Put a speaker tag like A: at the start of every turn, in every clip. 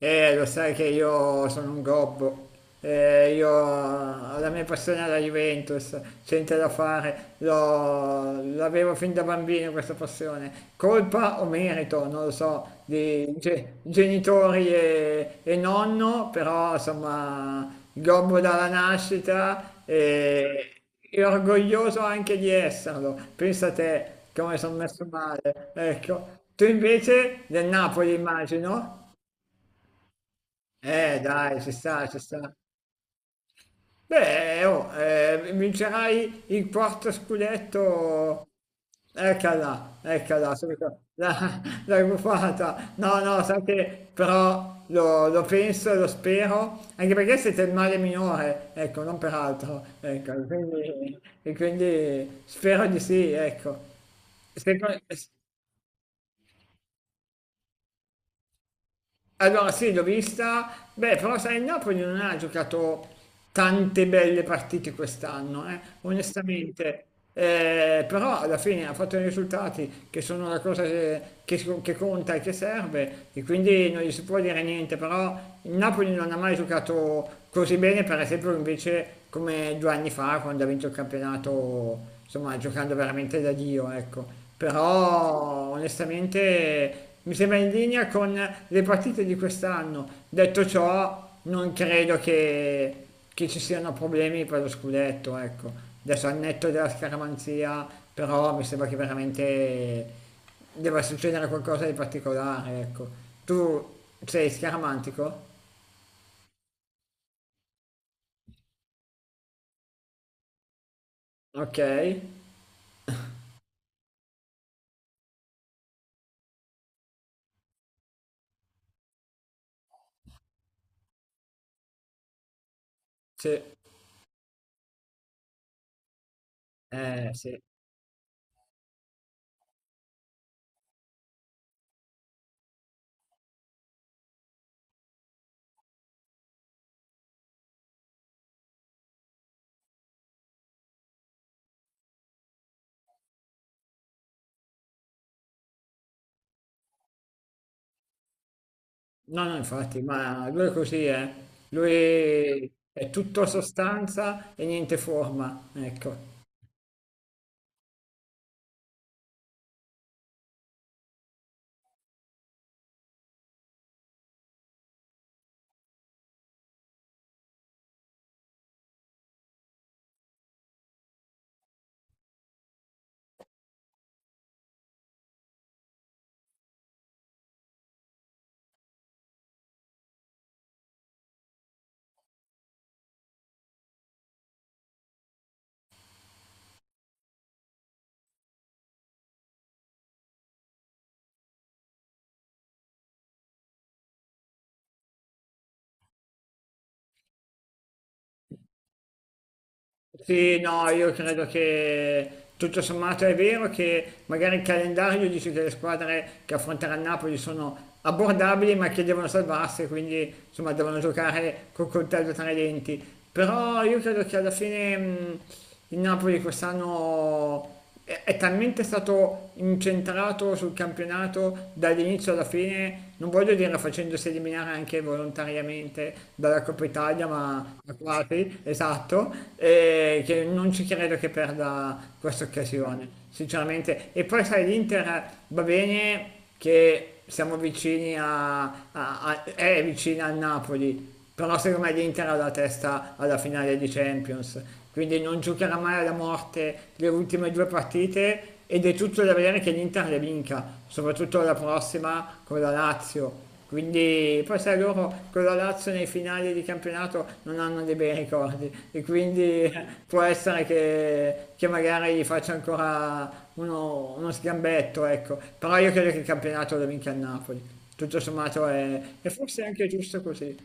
A: Lo sai che io sono un gobbo. Io ho la mia passione alla Juventus, c'è niente da fare, l'avevo fin da bambino questa passione. Colpa o merito, non lo so, di genitori e nonno, però insomma, gobbo dalla nascita e orgoglioso anche di esserlo. Pensa a te come sono messo male, ecco. Tu invece del Napoli, immagino. Dai, ci sta, ci sta. Beh, oh, vincerai il quarto scudetto. Eccola, eccola, subito. L'hai buffata. No, no, sai che però lo penso, lo spero, anche perché siete il male minore, ecco, non per altro. Ecco, e quindi spero di sì, ecco. Secondo, Allora sì, l'ho vista, beh, però sai, il Napoli non ha giocato tante belle partite quest'anno, onestamente. Però alla fine ha fatto i risultati che sono la cosa che so, che conta e che serve e quindi non gli si può dire niente, però il Napoli non ha mai giocato così bene, per esempio, invece come due anni fa quando ha vinto il campionato, insomma, giocando veramente da Dio, ecco. Però onestamente mi sembra in linea con le partite di quest'anno. Detto ciò, non credo che ci siano problemi per lo scudetto, ecco. Adesso al netto della scaramanzia, però mi sembra che veramente debba succedere qualcosa di particolare, ecco. Tu sei scaramantico? Ok, sì, sì. No, no, infatti, ma lui è così, eh. Lui è tutto sostanza e niente forma, ecco. Sì, no, io credo che tutto sommato è vero che magari il calendario dice che le squadre che affronterà il Napoli sono abbordabili ma che devono salvarsi, quindi insomma devono giocare col coltello tra i denti. Però io credo che alla fine il Napoli quest'anno è talmente stato incentrato sul campionato dall'inizio alla fine, non voglio dire facendosi eliminare anche volontariamente dalla Coppa Italia, ma quasi, esatto, e che non ci credo che perda questa occasione, sinceramente. E poi sai, l'Inter va bene che siamo vicini è vicina al Napoli, però secondo me l'Inter ha la testa alla finale di Champions, quindi non giocherà mai alla morte le ultime due partite ed è tutto da vedere che l'Inter le vinca, soprattutto la prossima con la Lazio. Quindi poi sai loro con la Lazio nei finali di campionato non hanno dei bei ricordi e quindi può essere che magari gli faccia ancora uno sgambetto, ecco. Però io credo che il campionato lo vinca il Napoli. Tutto sommato è forse anche giusto così.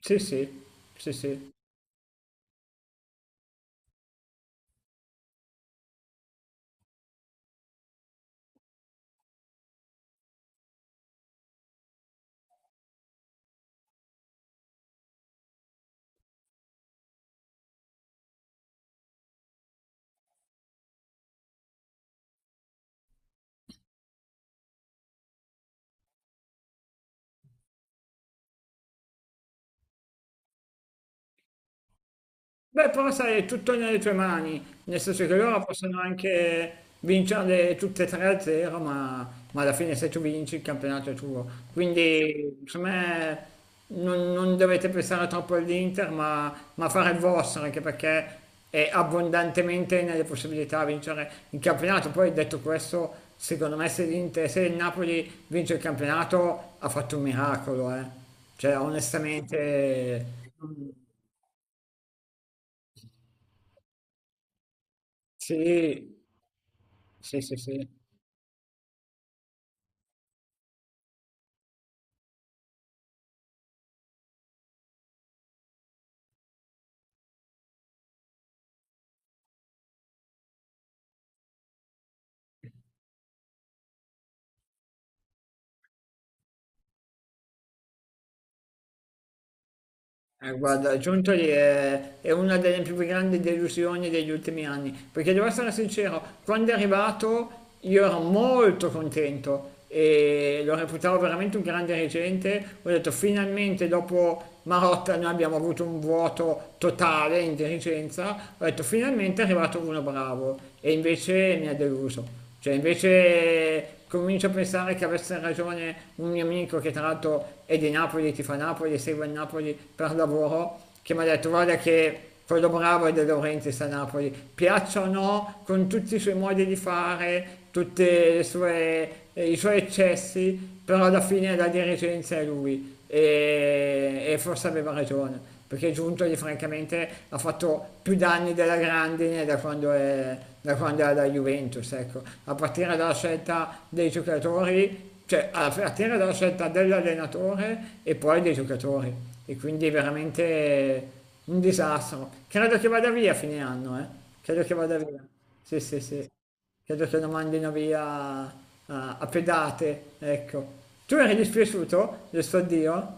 A: Sì, sì, sì, sì. Beh, però sai, è tutto nelle tue mani, nel senso che loro possono anche vincere tutte e tre a zero, ma alla fine se tu vinci il campionato è tuo. Quindi, secondo me, non dovete pensare troppo all'Inter, ma fare il vostro, anche perché è abbondantemente nelle possibilità di vincere il campionato. Poi, detto questo, secondo me se l'Inter, se il Napoli vince il campionato, ha fatto un miracolo, eh. Cioè, onestamente... Sì, sì, sì, sì. Guarda, Giuntoli è una delle più grandi delusioni degli ultimi anni, perché devo essere sincero, quando è arrivato io ero molto contento e lo reputavo veramente un grande dirigente, ho detto finalmente dopo Marotta noi abbiamo avuto un vuoto totale in dirigenza, ho detto finalmente è arrivato uno bravo e invece mi ha deluso. Cioè, invece comincio a pensare che avesse ragione un mio amico che tra l'altro è di Napoli, ti fa Napoli, segue il Napoli per lavoro, che mi ha detto guarda che quello bravo è De Laurentiis a Napoli, piaccia o no, con tutti i suoi modi di fare, tutti i suoi eccessi, però alla fine la dirigenza è lui e forse aveva ragione. Perché Giuntoli francamente ha fatto più danni della grandine da quando era la Juventus, ecco, a partire dalla scelta dei giocatori, cioè a partire dalla scelta dell'allenatore e poi dei giocatori. E quindi è veramente un disastro. Credo che vada via a fine anno, eh. Credo che vada via. Sì, sì, sì. Credo che lo mandino via a pedate, ecco. Tu eri dispiaciuto del suo addio?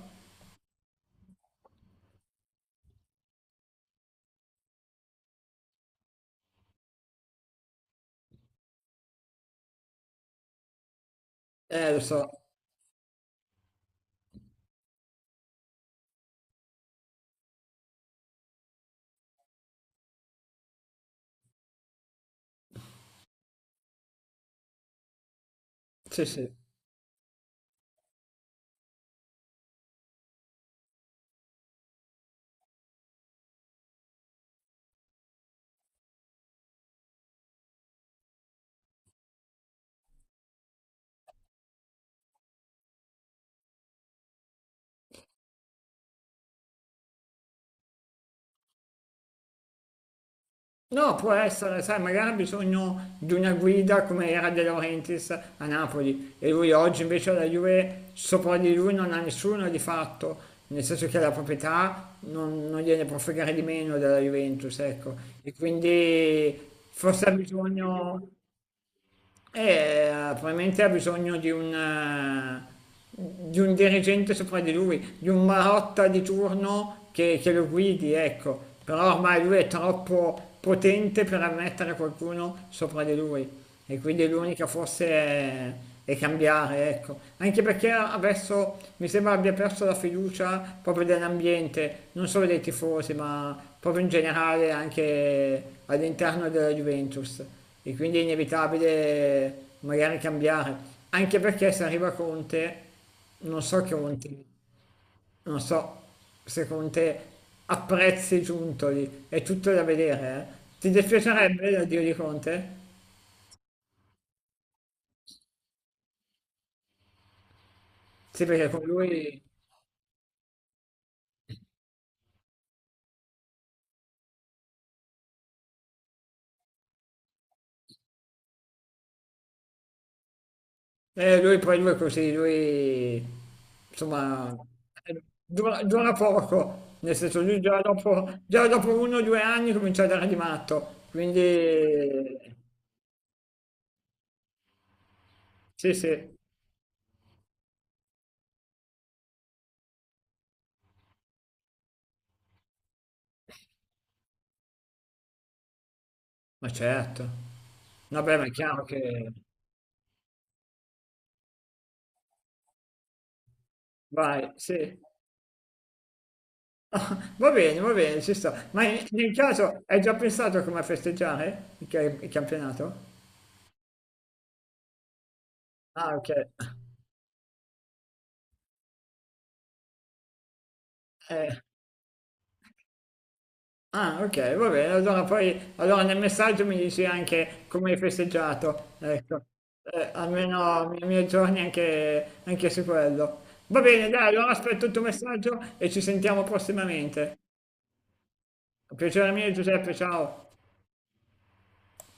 A: Lo so. Sì, sì. No, può essere, sai, magari ha bisogno di una guida come era De Laurentiis a Napoli e lui oggi invece alla Juve sopra di lui non ha nessuno di fatto, nel senso che la proprietà non gliene può fregare di meno della Juventus, ecco, e quindi forse ha bisogno... probabilmente ha bisogno di di un dirigente sopra di lui, di un Marotta di turno che lo guidi, ecco. Però ormai lui è troppo potente per ammettere qualcuno sopra di lui. E quindi l'unica forse è cambiare, ecco. Anche perché adesso mi sembra abbia perso la fiducia proprio dell'ambiente, non solo dei tifosi, ma proprio in generale anche all'interno della Juventus. E quindi è inevitabile magari cambiare. Anche perché se arriva Conte, non so che Conte, non so se Conte apprezzi Giuntoli, è tutto da vedere, eh. Ti dispiacerebbe l'addio di Conte? Sì, perché con lui... lui poi lui è così, lui insomma dura poco, nel senso lui già dopo uno o due anni comincia a dare di matto, quindi sì, sì, ma certo, vabbè ma è chiaro che vai, sì. Ah, va bene, ci sta, ma nel caso hai già pensato come festeggiare il campionato? Ah, ok. Eh, Ah, ok, va bene. Allora poi allora nel messaggio mi dici anche come hai festeggiato, ecco. Almeno i miei giorni anche, anche su quello. Va bene, dai, allora aspetto il tuo messaggio e ci sentiamo prossimamente. Piacere mio, Giuseppe, ciao.